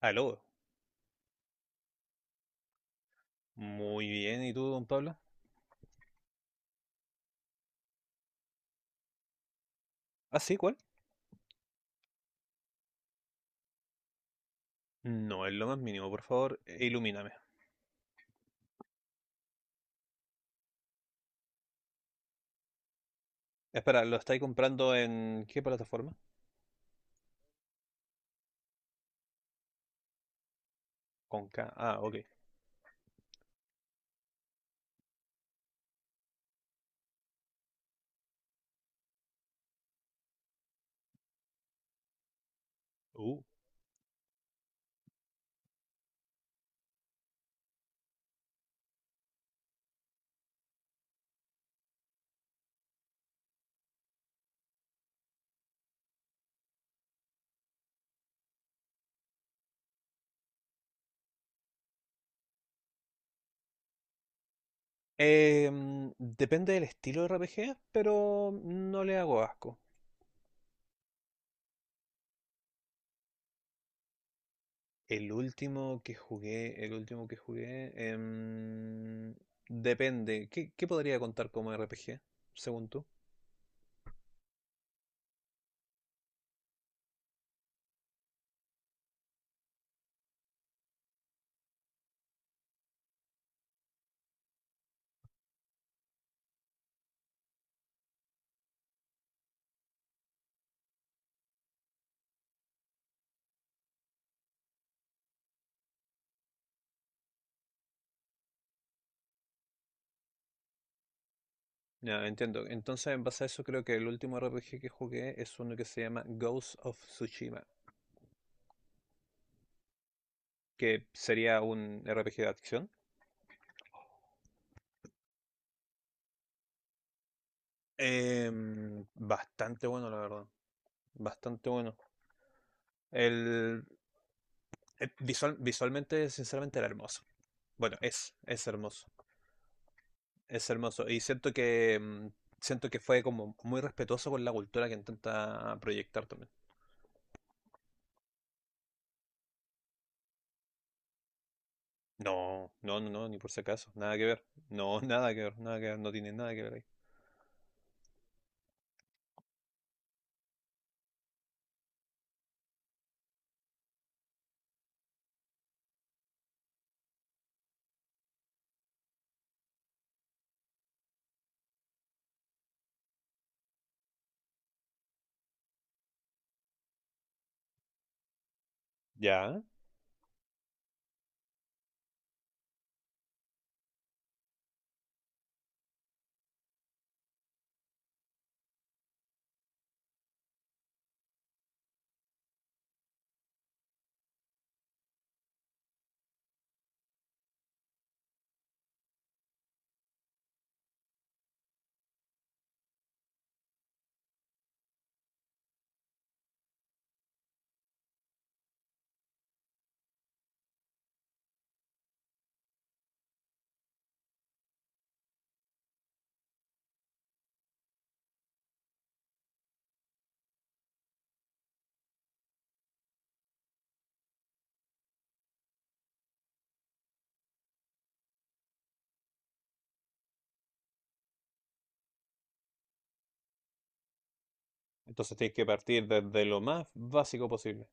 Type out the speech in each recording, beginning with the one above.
Aló, muy bien, ¿y tú, don Pablo? Ah, sí, ¿cuál? No es lo más mínimo, por favor, ilumíname. Espera, ¿lo estáis comprando en qué plataforma? Con K. Ah, ok. Uh. Depende del estilo de RPG, pero no le hago asco. El último que jugué, el último que jugué, em, depende. ¿Qué podría contar como RPG, según tú? Ya, entiendo. Entonces, en base a eso, creo que el último RPG que jugué es uno que se llama Ghost of Tsushima. Que sería un RPG de acción. Eh, Bastante bueno, la verdad. Bastante bueno. El, Visualmente, sinceramente, era hermoso. Bueno, es hermoso. Es hermoso. Y siento que fue como muy respetuoso con la cultura que intenta proyectar también. No, no, no, no, ni por si acaso. Nada que ver. No, nada que ver, nada que ver. No tiene nada que ver ahí. Ya. Entonces tienes que partir desde lo más básico posible.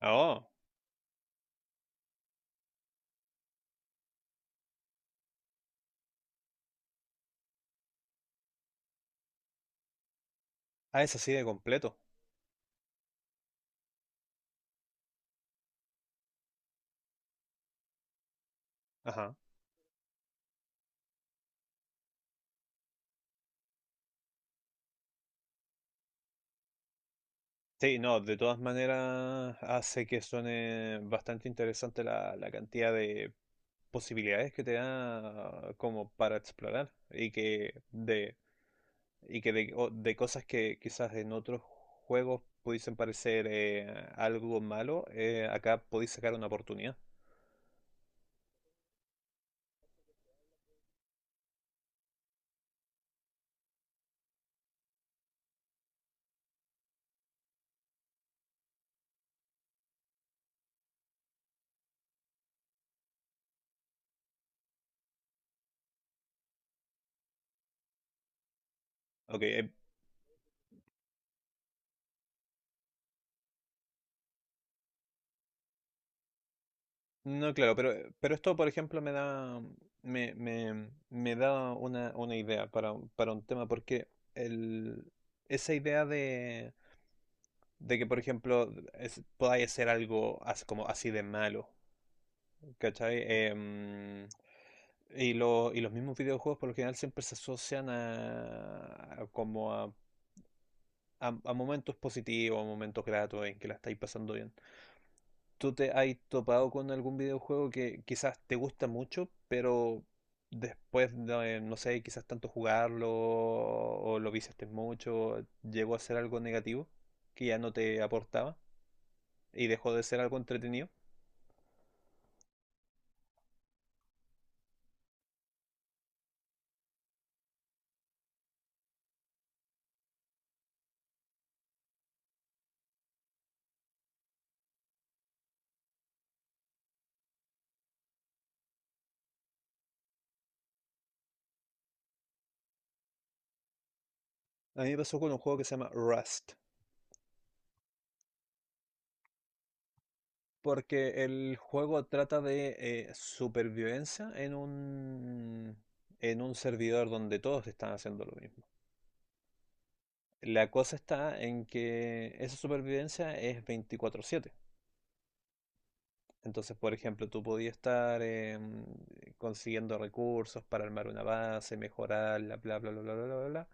Ah. Oh. Ah, es así de completo. Ajá. Sí, no, de todas maneras hace que suene bastante interesante la cantidad de posibilidades que te da como para explorar de cosas que quizás en otros juegos pudiesen parecer algo malo, acá podéis sacar una oportunidad. Ok. No, claro, pero esto, por ejemplo, me da una idea para un tema, porque el, esa idea de que, por ejemplo, podáis hacer algo como así de malo, ¿cachai? Y, y los mismos videojuegos por lo general siempre se asocian a momentos positivos, a momentos gratos en que la estáis pasando bien. ¿Tú te has topado con algún videojuego que quizás te gusta mucho, pero después de, no sé, quizás tanto jugarlo o lo viciaste mucho, llegó a ser algo negativo que ya no te aportaba y dejó de ser algo entretenido? A mí me pasó con un juego que se llama Rust, porque el juego trata de supervivencia en un servidor donde todos están haciendo lo mismo. La cosa está en que esa supervivencia es 24/7. Entonces, por ejemplo, tú podías estar consiguiendo recursos para armar una base, mejorarla, bla, bla, bla, bla, bla, bla, bla.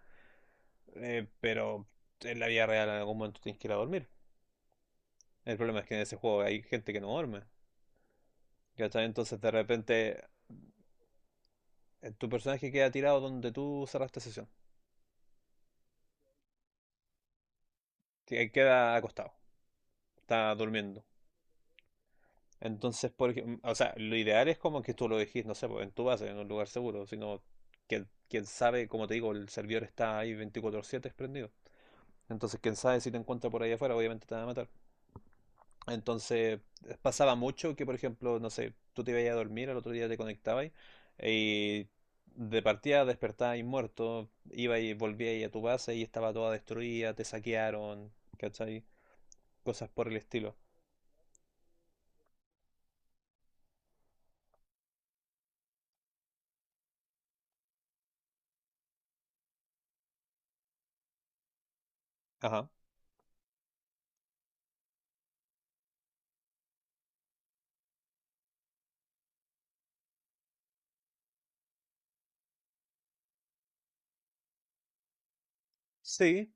Pero en la vida real en algún momento tienes que ir a dormir. El problema es que en ese juego hay gente que no duerme. ¿Cachai? Entonces, de repente, tu personaje queda tirado donde tú cerraste sesión. Queda acostado, está durmiendo. Entonces, o sea, lo ideal es como que tú lo dejes, no sé, pues, en tu base, en un lugar seguro, sino que, quién sabe, como te digo, el servidor está ahí 24/7 prendido. Entonces, quién sabe si te encuentra por ahí afuera, obviamente te van a matar. Entonces, pasaba mucho que, por ejemplo, no sé, tú te ibas a dormir, al otro día te conectabas y de partida despertabas muerto, ibas y volvías a tu base y estaba toda destruida, te saquearon, ¿cachai? Cosas por el estilo. Ajá. Sí,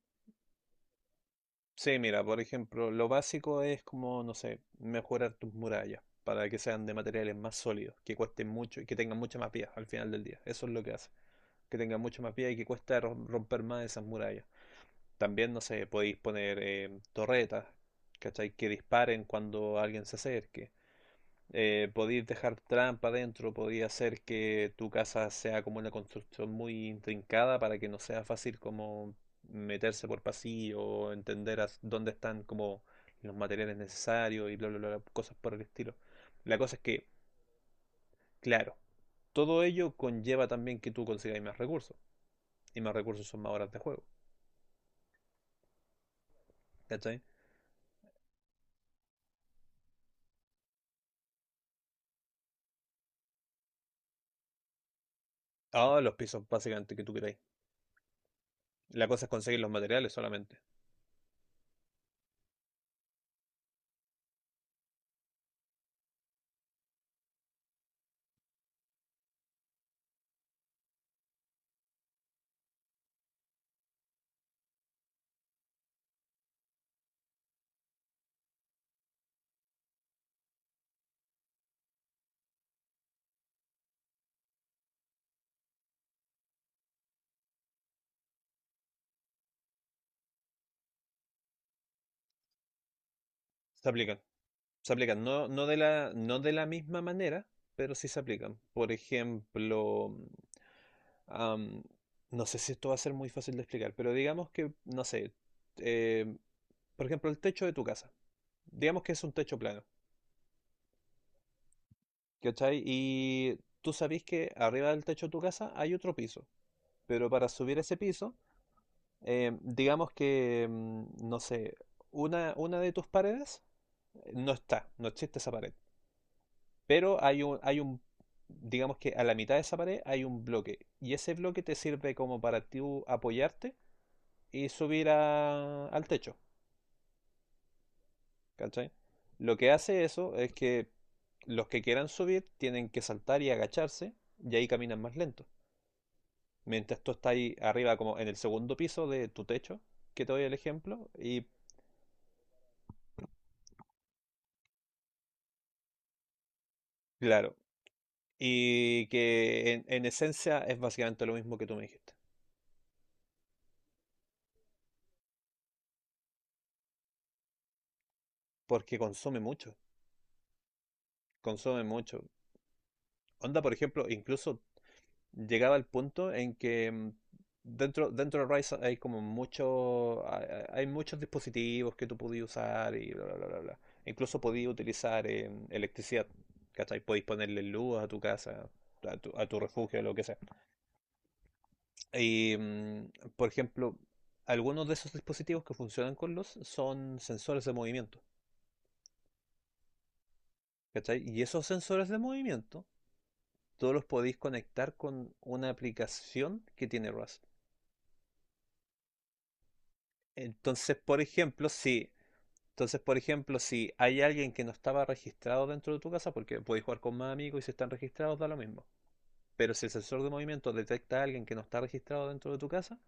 Sí, mira, por ejemplo, lo básico es como, no sé, mejorar tus murallas para que sean de materiales más sólidos, que cuesten mucho y que tengan mucha más vida al final del día. Eso es lo que hace, que tengan mucha más vida y que cueste romper más esas murallas. También, no sé, podéis poner torretas, ¿cachai? Que disparen cuando alguien se acerque. Podéis dejar trampa dentro, podéis hacer que tu casa sea como una construcción muy intrincada para que no sea fácil como meterse por pasillo o entender dónde están como los materiales necesarios y bla, bla, bla, cosas por el estilo. La cosa es que, claro, todo ello conlleva también que tú consigáis más recursos y más recursos son más horas de juego, ¿cachai? Ah, los pisos básicamente que tú queráis. La cosa es conseguir los materiales solamente. Se aplican. Se aplican, no, no de la misma manera, pero sí se aplican. Por ejemplo, am, no sé si esto va a ser muy fácil de explicar, pero digamos que, no sé, eh, por ejemplo, el techo de tu casa. Digamos que es un techo plano, ¿cachai? Y tú sabés que arriba del techo de tu casa hay otro piso, pero para subir ese piso, digamos que, no sé, una de tus paredes no está, no existe esa pared. Pero digamos que a la mitad de esa pared hay un bloque. Y ese bloque te sirve como para tú apoyarte y subir al techo. ¿Cachai? Lo que hace eso es que los que quieran subir tienen que saltar y agacharse y ahí caminan más lento. Mientras tú estás ahí arriba como en el segundo piso de tu techo, que te doy el ejemplo, y claro, y que en esencia es básicamente lo mismo que tú me dijiste, porque consume mucho, consume mucho. Onda, por ejemplo, incluso llegaba al punto en que dentro de Rise hay como mucho, hay muchos dispositivos que tú podías usar y bla, bla, bla, bla, bla. Incluso podías utilizar electricidad, ¿cachai? Podías ponerle luz a tu casa, a tu refugio, lo que sea. Y, por ejemplo, algunos de esos dispositivos que funcionan con luz son sensores de movimiento, ¿cachai? Y esos sensores de movimiento, todos los podéis conectar con una aplicación que tiene Rust. Entonces, por ejemplo, si, entonces, por ejemplo, si hay alguien que no estaba registrado dentro de tu casa, porque puedes jugar con más amigos y si están registrados, da lo mismo. Pero si el sensor de movimiento detecta a alguien que no está registrado dentro de tu casa,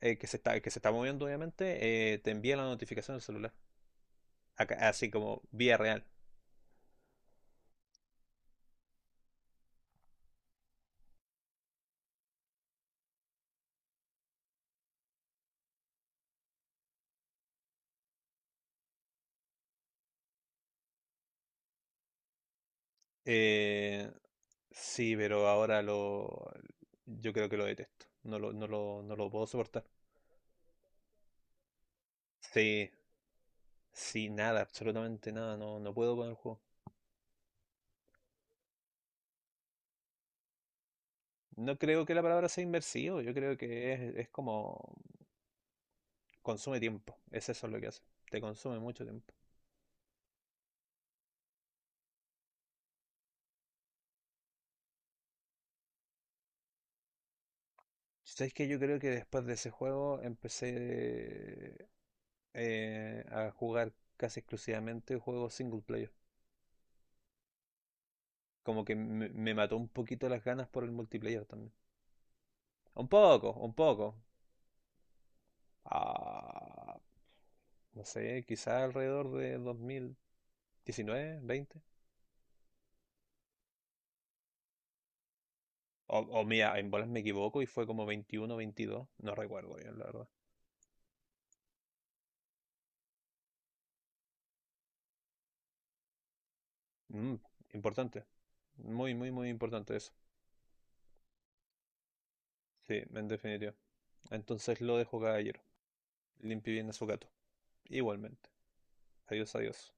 que se está moviendo, obviamente, te envía la notificación al celular. Así como vía real. Eh, sí, pero yo creo que lo detesto. No lo puedo soportar. Sí, sí, nada, absolutamente nada. No, no puedo con el juego. No creo que la palabra sea inversivo, yo creo que es como consume tiempo, es eso lo que hace, te consume mucho tiempo. ¿Sabes que yo creo que después de ese juego empecé a jugar casi exclusivamente juegos single player? Como que me mató un poquito las ganas por el multiplayer también. Un poco, un poco. Ah, no sé, quizás alrededor de 2019, veinte. O mira, en bolas me equivoco y fue como veintiuno, veintidós, no recuerdo bien, la verdad. Mm, Importante. Muy, muy, muy importante eso. Sí, en definitiva. Entonces lo dejo, caballero. Limpie bien a su gato. Igualmente. Adiós, adiós.